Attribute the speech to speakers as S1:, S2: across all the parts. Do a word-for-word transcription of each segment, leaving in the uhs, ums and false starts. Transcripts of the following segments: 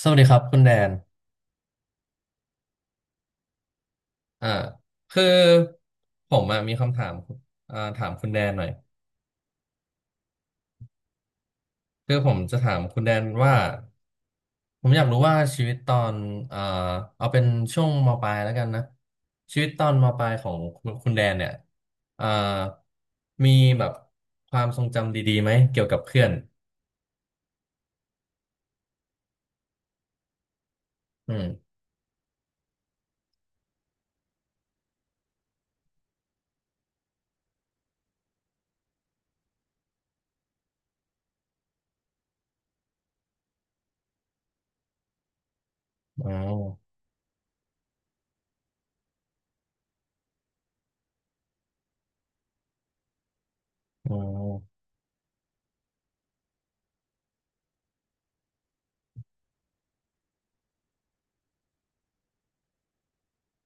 S1: สวัสดีครับคุณแดนอ่าคือผมอะมีคำถามอ่าถามคุณแดนหน่อยคือผมจะถามคุณแดนว่าผมอยากรู้ว่าชีวิตตอนอ่าเอาเป็นช่วงมปลายแล้วกันนะชีวิตตอนมปลายของคุณคุณแดนเนี่ยอ่ามีแบบความทรงจำดีๆไหมเกี่ยวกับเพื่อนอืมอ๋ออ๋อ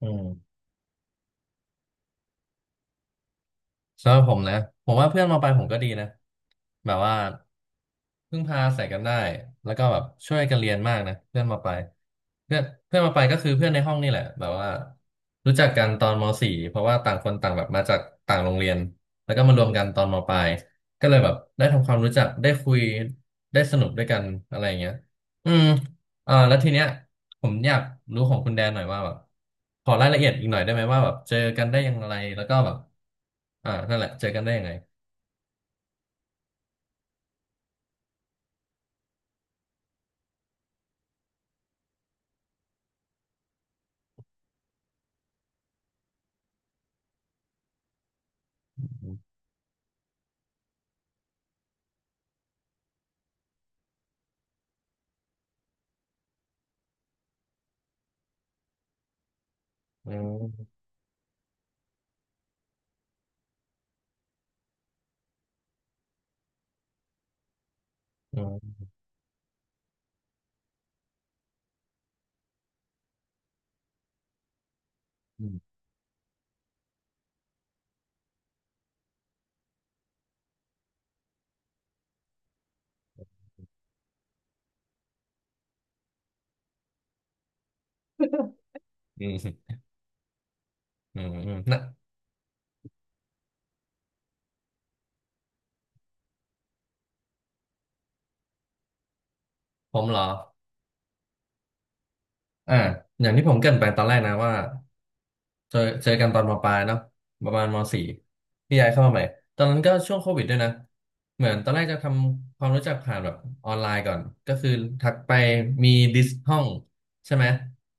S1: อืม สำหรับผมนะผมว่าเพื่อนมาไปลายผมก็ดีนะแบบว่าพึ่งพาใส่กันได้แล้วก็แบบช่วยกันเรียนมากนะเพื่อนมาไปลายเพื่อนเพื่อนมาไปลายก็คือเพื่อนในห้องนี่แหละแบบว่ารู้จักกันตอนมสี่เพราะว่าต่างคนต่างแบบมาจากต่างโรงเรียนแล้วก็มารวมกันตอนมปลายก็เลยแบบได้ทำความรู้จักได้คุยได้สนุกด้วยกันอะไรอย่างเงี้ยอืมอ่าแล้วทีเนี้ย ผมอยากรู้ของคุณแดนหน่อยว่าแบบขอรายละเอียดอีกหน่อยได้ไหมว่าแบบเจอกันได้ยังไงแล้วก็แบบอ่านั่นแหละเจอกันได้ยังไงอืมอืมอืมอืมอืมอืมนะผมเหรอ อ่าอย่างที่ผมเกริ่นไปตอนแรกนะว่าเจอเจอกันตอนมปลายเนาะประมาณมสี่พี่ย้ายเข้ามาใหม่ตอนนั้นก็ช่วงโควิดด้วยนะเหมือนตอนแรกจะทำความรู้จักผ่านแบบออนไลน์ก่อนก็คือทักไปมีดิสห้องใช่ไหม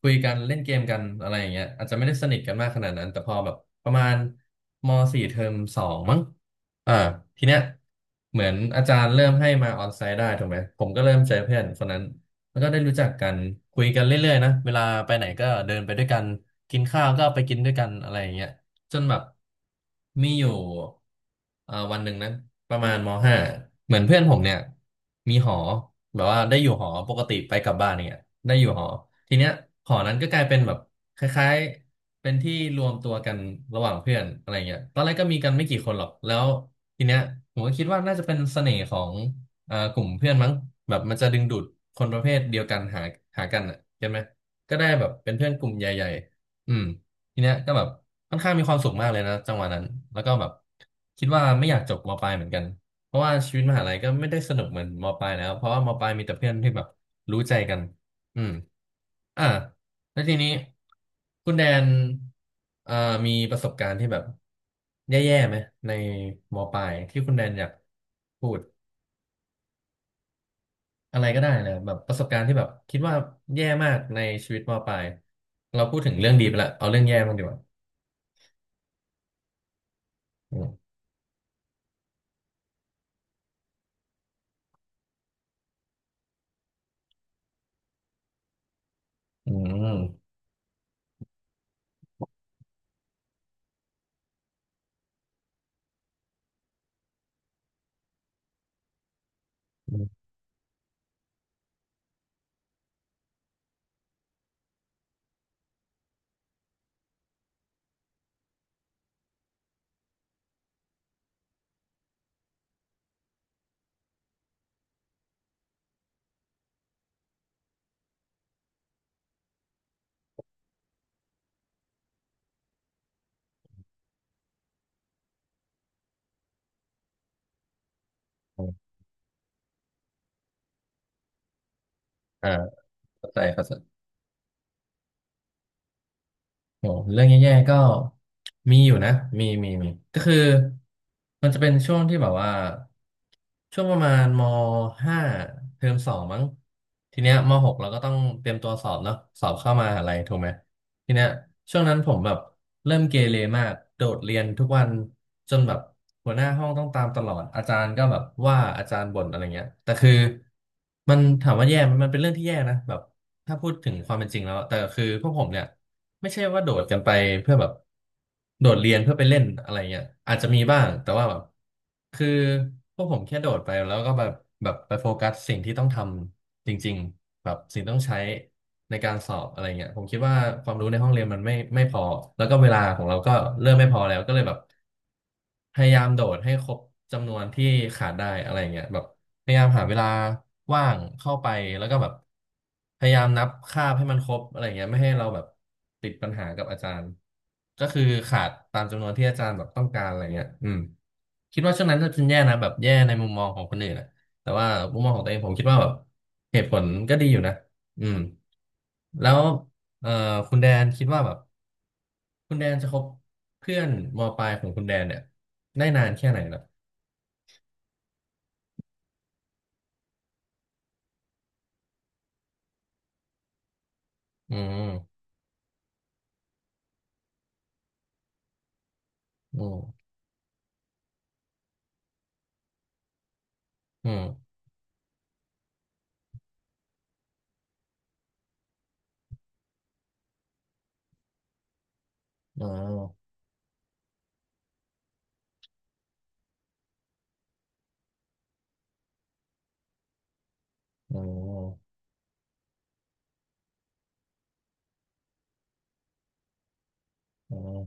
S1: คุยกันเล่นเกมกันอะไรอย่างเงี้ยอาจจะไม่ได้สนิทกันมากขนาดนั้นแต่พอแบบประมาณมสี่เทอมสองมั้งอ่าทีเนี้ยเหมือนอาจารย์เริ่มให้มาออนไซต์ได้ถูกไหมผมก็เริ่มเจอเพื่อนคนนั้น แล้วก็ได้รู้จักกันคุยกันเรื่อยๆนะเวลาไปไหนก็เดินไปด้วยกันกินข้าวก็ไปกินด้วยกันอะไรอย่างเงี้ยจนแบบมีอยู่เอ่อวันหนึ่งนะประมาณมห้าเหมือนเพื่อนผมเนี่ยมีหอแบบว่าได้อยู่หอปกติไปกลับบ้านเนี่ยได้อยู่หอทีเนี้ยหอนั้นก็กลายเป็นแบบคล้ายๆเป็นที่รวมตัวกันระหว่างเพื่อนอะไรเงี้ยตอนแรกก็มีกันไม่กี่คนหรอกแล้วทีเนี้ยผมก็คิดว่าน่าจะเป็นเสน่ห์ของ เอ่อกลุ่มเพื่อนมั้งแบบมันจะดึงดูดคนประเภทเดียวกันหาหากันอ่ะเห็นไหมก็ได้แบบเป็นเพื่อนกลุ่มใหญ่ๆอืมทีเนี้ยก็แบบค่อนข้างมีความสุขมากเลยนะจังหวะนั้นแล้วก็แบบคิดว่าไม่อยากจบมปลายเหมือนกันเพราะว่าชีวิตมหาลัยก็ไม่ได้สนุกเหมือนมปลายแล้วเพราะว่ามปลายมีแต่เพื่อนที่แบบรู้ใจกันอืมอ่าแล้วทีนี้คุณแดนเอ่อมีประสบการณ์ที่แบบแย่ๆไหมในมปลายที่คุณแดนอยากพูด อะไรก็ได้เลยแบบประสบการณ์ที่แบบคิดว่าแย่มากในชีวิตมปลายเราพูดถึงเรื่องดีไปละเอาเรื่องแย่บ้างดีกว่าอืมอืมอืมอ่าเข้าใจเข้าใจ โหเรื่องแย่ๆก็มีอยู่นะมีมีมีก็คือมันจะเป็นช่วงที่แบบว่าช่วงประมาณมห้าเทอมสองมั้งทีเนี้ยมหกเราก็ต้องเตรียมตัวสอบเนาะสอบเข้ามหาอะไรถูกไหมทีเนี้ยช่วงนั้นผมแบบเริ่มเกเรมากโดดเรียนทุกวันจนแบบหัวหน้าห้องต้องตามตลอดอาจารย์ก็แบบว่าอาจารย์บ่นอะไรเงี้ยแต่คือมันถามว่าแย่ไหมมันเป็นเรื่องที่แย่นะแบบ ถ้าพูดถึงความเป็นจริงแล้วแต่คือพวกผมเนี่ยไม่ใช่ว่าโดดกันไปเพื่อแบบโดดเรียนเพื่อไปเล่นอะไรเงี้ยอาจจะมีบ้างแต่ว่าแบบคือพวกผมแค่โดดไปแล้วก็แบบแบบไปโฟกัสสิ่งที่ต้องทำจริงๆแบบสิ่งต้องใช้ในการสอบอะไรเงี้ยผมคิดว่าความรู้ในห้องเรียนมันไม่ไม่พอแล้วก็เวลาของเราก็เริ่มไม่พอแล้วก็เลยแบบ พยายามโดดให้ครบจำนวนที่ขาดได้อะไรเงี้ยแบบพยายามหาเวลาว่างเข้าไปแล้วก็แบบพยายามนับคาบให้มันครบอะไรเงี้ยไม่ให้เราแบบติดปัญหากับอาจารย์ก็คือขาดตามจำนวนที่อาจารย์แบบต้องการอะไรเงี้ยอืมคิดว่าช่วงนั้นก็เป็นแย่นะแบบแย่ในมุมมองของคนอื่นนะแต่ว่ามุมมองของตัวเองผมคิดว่าแบบเหตุผลก็ดีอยู่นะอืมแล้วเอ่อคุณแดนคิดว่าแบบ คุณแดนจะคบเพื่อนมปลายของคุณแดนเนี่ยได้นานแค่ไหนล่ะอืมอืมอืมอมออ๋ออ๋อม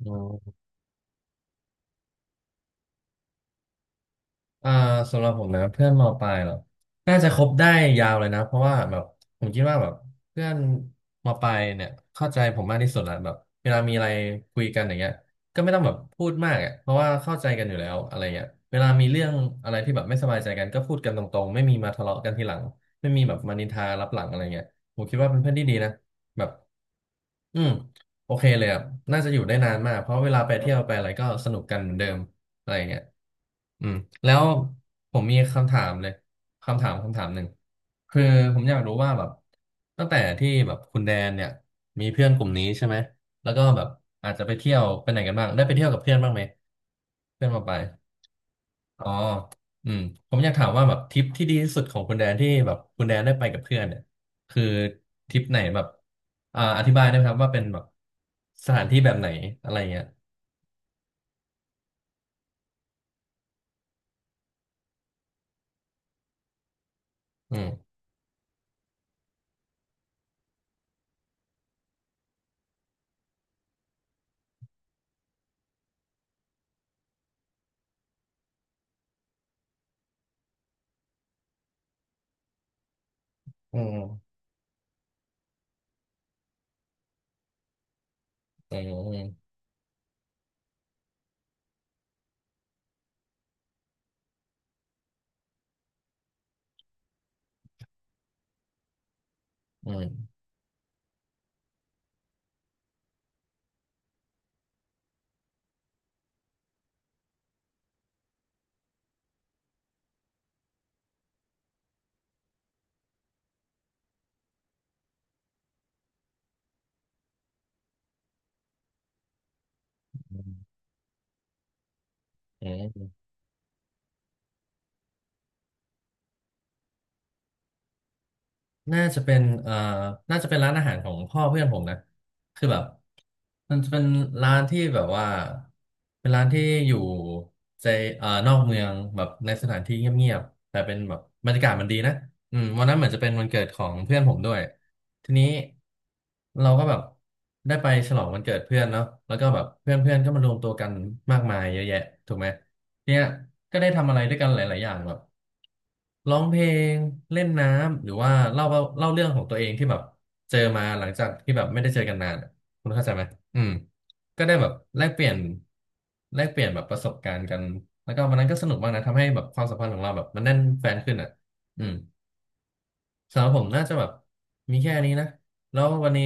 S1: อืม อ่าสำหรับผมนะเพื่อนมปลายเหรอน่าจะคบได้ยาวเลยนะเพราะว่าแบบผมคิดว่าแบบเพื่อนมปลายเนี่ยเข้าใจผมมากที่สุดละแบบเวลามีอะไรคุยกันอย่างเงี้ยก็ไม่ต้องแบบพูดมากอ่ะเพราะว่าเข้าใจกันอยู่แล้วอะไรเงี้ยเวลามีเรื่องอะไรที่แบบไม่สบายใจกันก็พูดกันตรงๆไม่มีมาทะเลาะกันทีหลังไม่มีแบบมานินทารับหลังอะไรเงี้ยผมคิดว่าเป็นเพื่อนที่ดีนะแบบอืมโอเคเลยอ่ะน่าจะอยู่ได้นานมากเพราะเวลาไปเที่ยวไปอะไรก็สนุกกันเหมือนเดิม อะไรอย่างเงี้ยอืมแล้วผมมีคำถามเลยคำถามคำถามหนึ่งคือผมอยากรู้ว่าแบบตั้งแต่ที่แบบคุณแดนเนี่ยมีเพื่อนกลุ่มนี้ใช่ไหมแล้วก็แบบอาจจะไปเที่ยวไปไหนกันบ้างได้ไปเที่ยวกับเพื่อนบ้างไหมเพื่อนมาไปอ๋ออืมผมอยากถามว่าแบบทริปที่ดีที่สุดของคุณแดนที่แบบคุณแดนได้ไปกับเพื่อนเนี่ยคือทริปไหนแบบอ่าอธิบายได้ไหมครับว่าเป็นแบบสถานที่แบบไหนอะไรเงี้ยอืมอืมอืมอืม อืมน่าจะเป็นเอ่อน่าจะเป็นร้านอาหารของพ่อเพื่อนผมนะ คือแบบมันจะเป็นร้านที่แบบว่าเป็นร้านที่อยู่ใจเอ่อนอกเมืองแบบในสถานที่เงียบๆแต่เป็นแบบบรรยากาศมันดีนะอืมวันนั้นเหมือนจะเป็นวันเกิดของเพื่อนผมด้วยทีนี้เราก็แบบได้ไปฉลองวันเกิดเพื่อนเนาะแล้วก็แบบเพื่อนๆก็มารวมตัวกันมากมายเยอะแยะถูกไหม เนี่ยก็ได้ทำอะไรด้วยกันหลายๆอย่างแบบร้องเพลงเล่นน้ำหรือว่าเล่าว่าเล่าเรื่องของตัวเองที่แบบเจอมาหลังจากที่แบบไม่ได้เจอกันนานอะคุณเข้าใจไหมอืมก็ได้แบบแลกเปลี่ยนแลกเปลี่ยนแบบประสบการณ์กันแล้วก็วันนั้นก็สนุกมากนะทำให้แบบความสัมพันธ์ของเราแบบมันแน่นแฟนขึ้นอ่ะอืม สำหรับผมน่าจะแบบมีแค่นี้นะแล้ววันนี้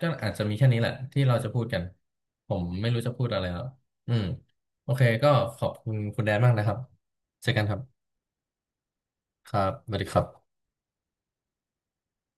S1: ก็อาจจะมีแค่นี้แหละที่เราจะพูดกันผมไม่รู้จะพูดอะไรแล้วอืมโอเคก็ขอบคุณคุณแดนมากนะครับเจอกันครับครับสวัสดีครับ